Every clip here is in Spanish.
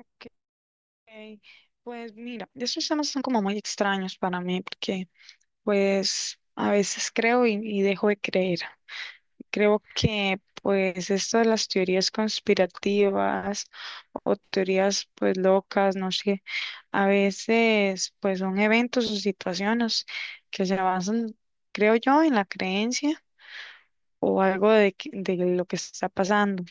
Ok. Pues mira, estos temas son como muy extraños para mí porque pues a veces creo y dejo de creer. Creo que pues esto de las teorías conspirativas o teorías pues locas, no sé, a veces pues son eventos o situaciones que se basan, creo yo, en la creencia o algo de lo que está pasando.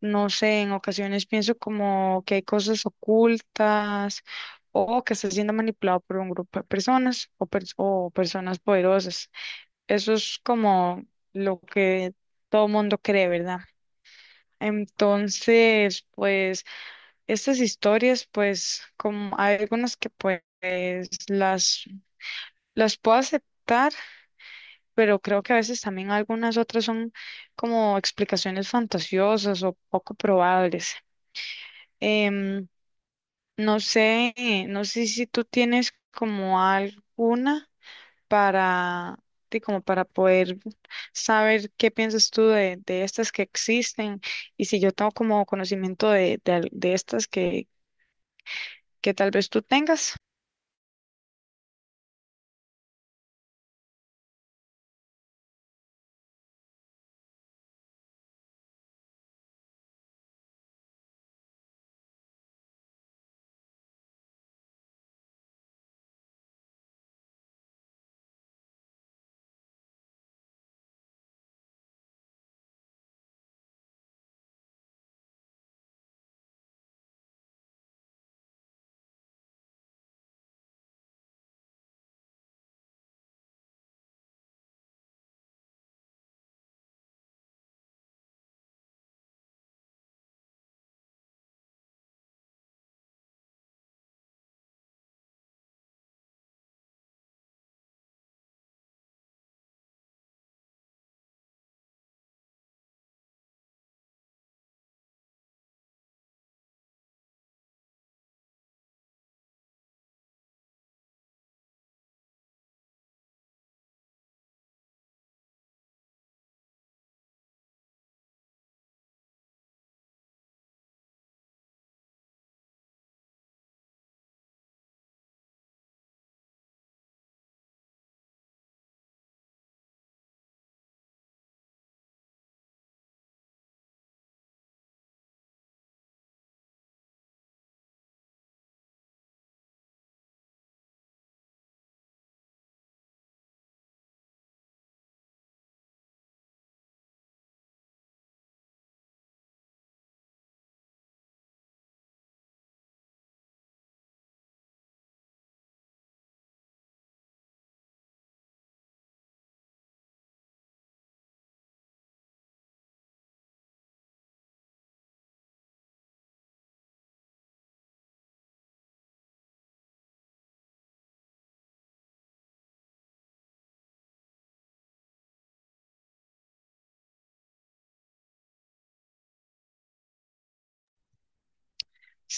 No sé, en ocasiones pienso como que hay cosas ocultas o que está siendo manipulado por un grupo de personas o personas poderosas. Eso es como lo que todo mundo cree, ¿verdad? Entonces, pues estas historias, pues como hay algunas que pues las, las puedo aceptar, pero creo que a veces también algunas otras son como explicaciones fantasiosas o poco probables. Em, No sé, no sé si tú tienes como alguna para ti, como para poder saber qué piensas tú de estas que existen y si yo tengo como conocimiento de estas que tal vez tú tengas.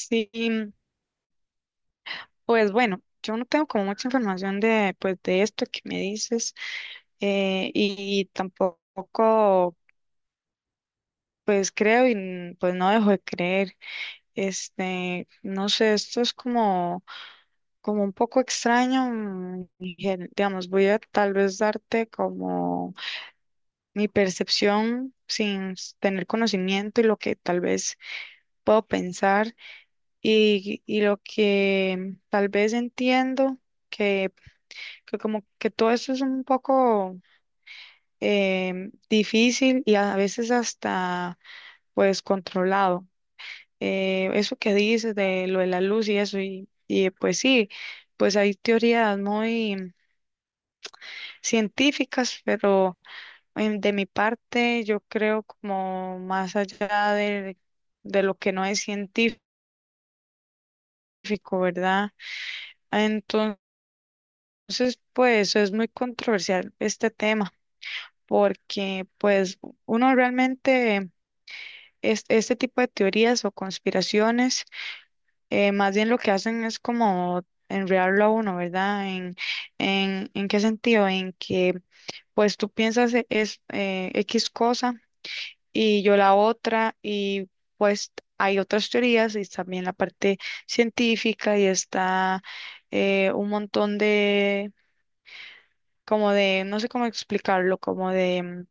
Sí, pues bueno, yo no tengo como mucha información de, pues, de esto que me dices y tampoco pues creo y pues no dejo de creer. Este, no sé, esto es como un poco extraño. Digamos, voy a tal vez darte como mi percepción sin tener conocimiento y lo que tal vez puedo pensar y lo que tal vez entiendo, que, que como que todo esto es un poco difícil y a veces hasta pues controlado. Eso que dices de lo de la luz y eso, y pues sí, pues hay teorías muy científicas, pero de mi parte yo creo como más allá de lo que no es científico, ¿verdad? Entonces, pues es muy controversial este tema, porque pues uno realmente es, este tipo de teorías o conspiraciones, más bien lo que hacen es como enredarlo a uno, ¿verdad? En qué sentido? En que pues tú piensas e- es X cosa. Y yo la otra, y pues hay otras teorías y también la parte científica y está un montón de, como de, no sé cómo explicarlo, como de,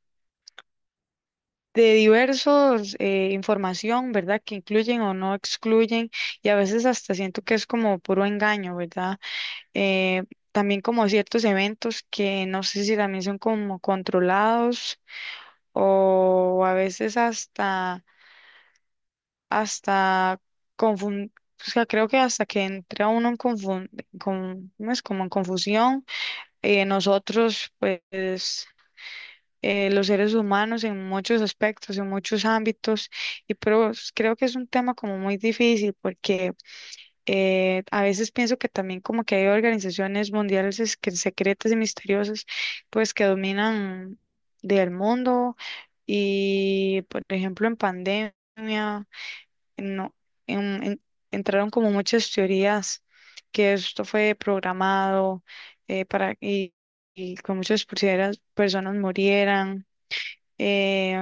de diversos información, ¿verdad? Que incluyen o no excluyen y a veces hasta siento que es como puro engaño, ¿verdad? Eh, También como ciertos eventos que no sé si también son como controlados o a veces hasta confun- o sea, creo que hasta que entra uno en ¿cómo es? Como en confusión. Nosotros, pues, los seres humanos en muchos aspectos, en muchos ámbitos, y pero creo que es un tema como muy difícil porque a veces pienso que también como que hay organizaciones mundiales secretas y misteriosas, pues, que dominan del mundo y, por ejemplo, en pandemia no, en- en- entraron como muchas teorías que esto fue programado para y que muchas personas murieran. eh,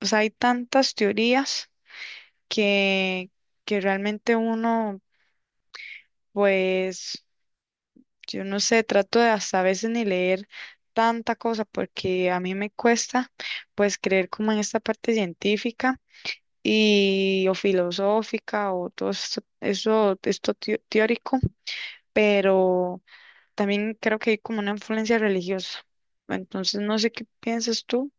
o sea, hay tantas teorías que, que realmente uno, pues, yo no sé, trato de hasta a veces ni leer tanta cosa porque a mí me cuesta, pues, creer como en esta parte científica. Y o filosófica o todo esto, eso, esto teórico, pero también creo que hay como una influencia religiosa. Entonces, no sé qué piensas tú.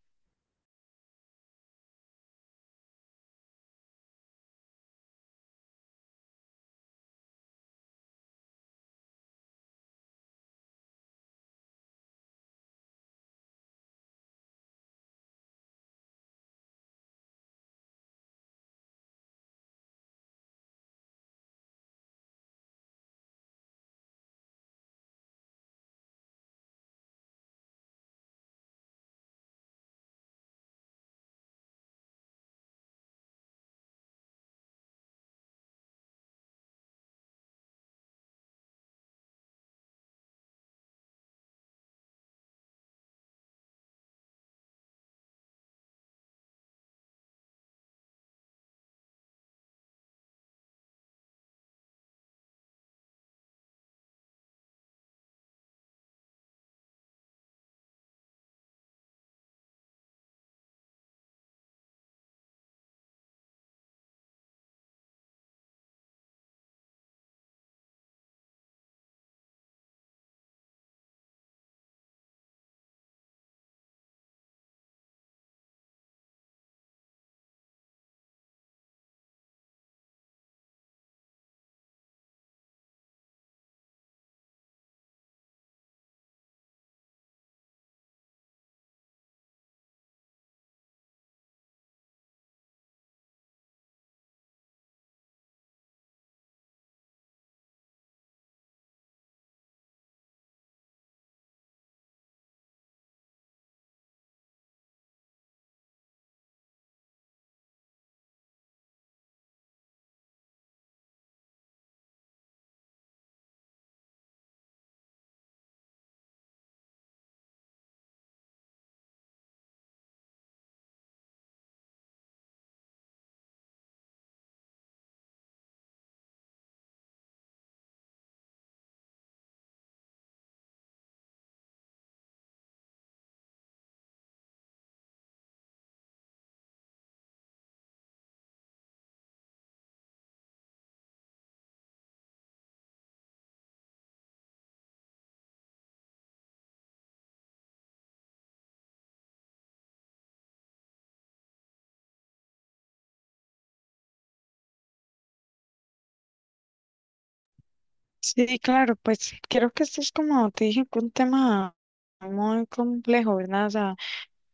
Sí, claro, pues creo que esto es como te dije, un tema muy complejo, ¿verdad? O sea,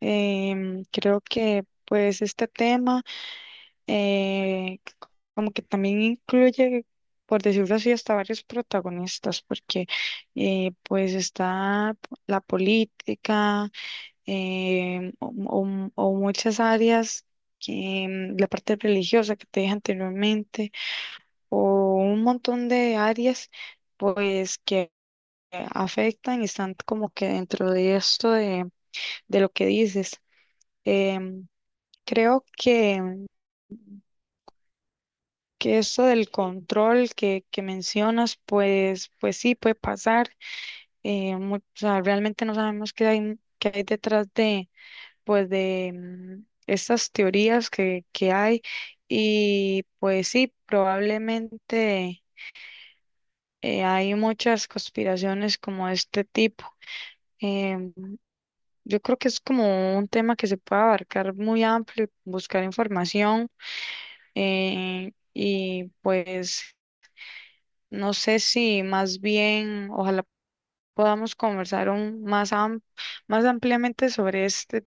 creo que pues este tema eh, como que también incluye, por decirlo así, hasta varios protagonistas, porque pues está la política eh, o, o muchas áreas, que, la parte religiosa que te dije anteriormente, o un montón de áreas, pues que afectan y están como que dentro de esto de lo que dices. Em, Creo que eso del control que mencionas, pues, pues sí, puede pasar. O sea, realmente no sabemos qué hay detrás de, pues, de estas teorías que hay. Y pues sí, probablemente hay muchas conspiraciones como de este tipo. Em, yo creo que es como un tema que se puede abarcar muy amplio, buscar información y pues no sé si más bien, ojalá podamos conversar más, más ampliamente sobre este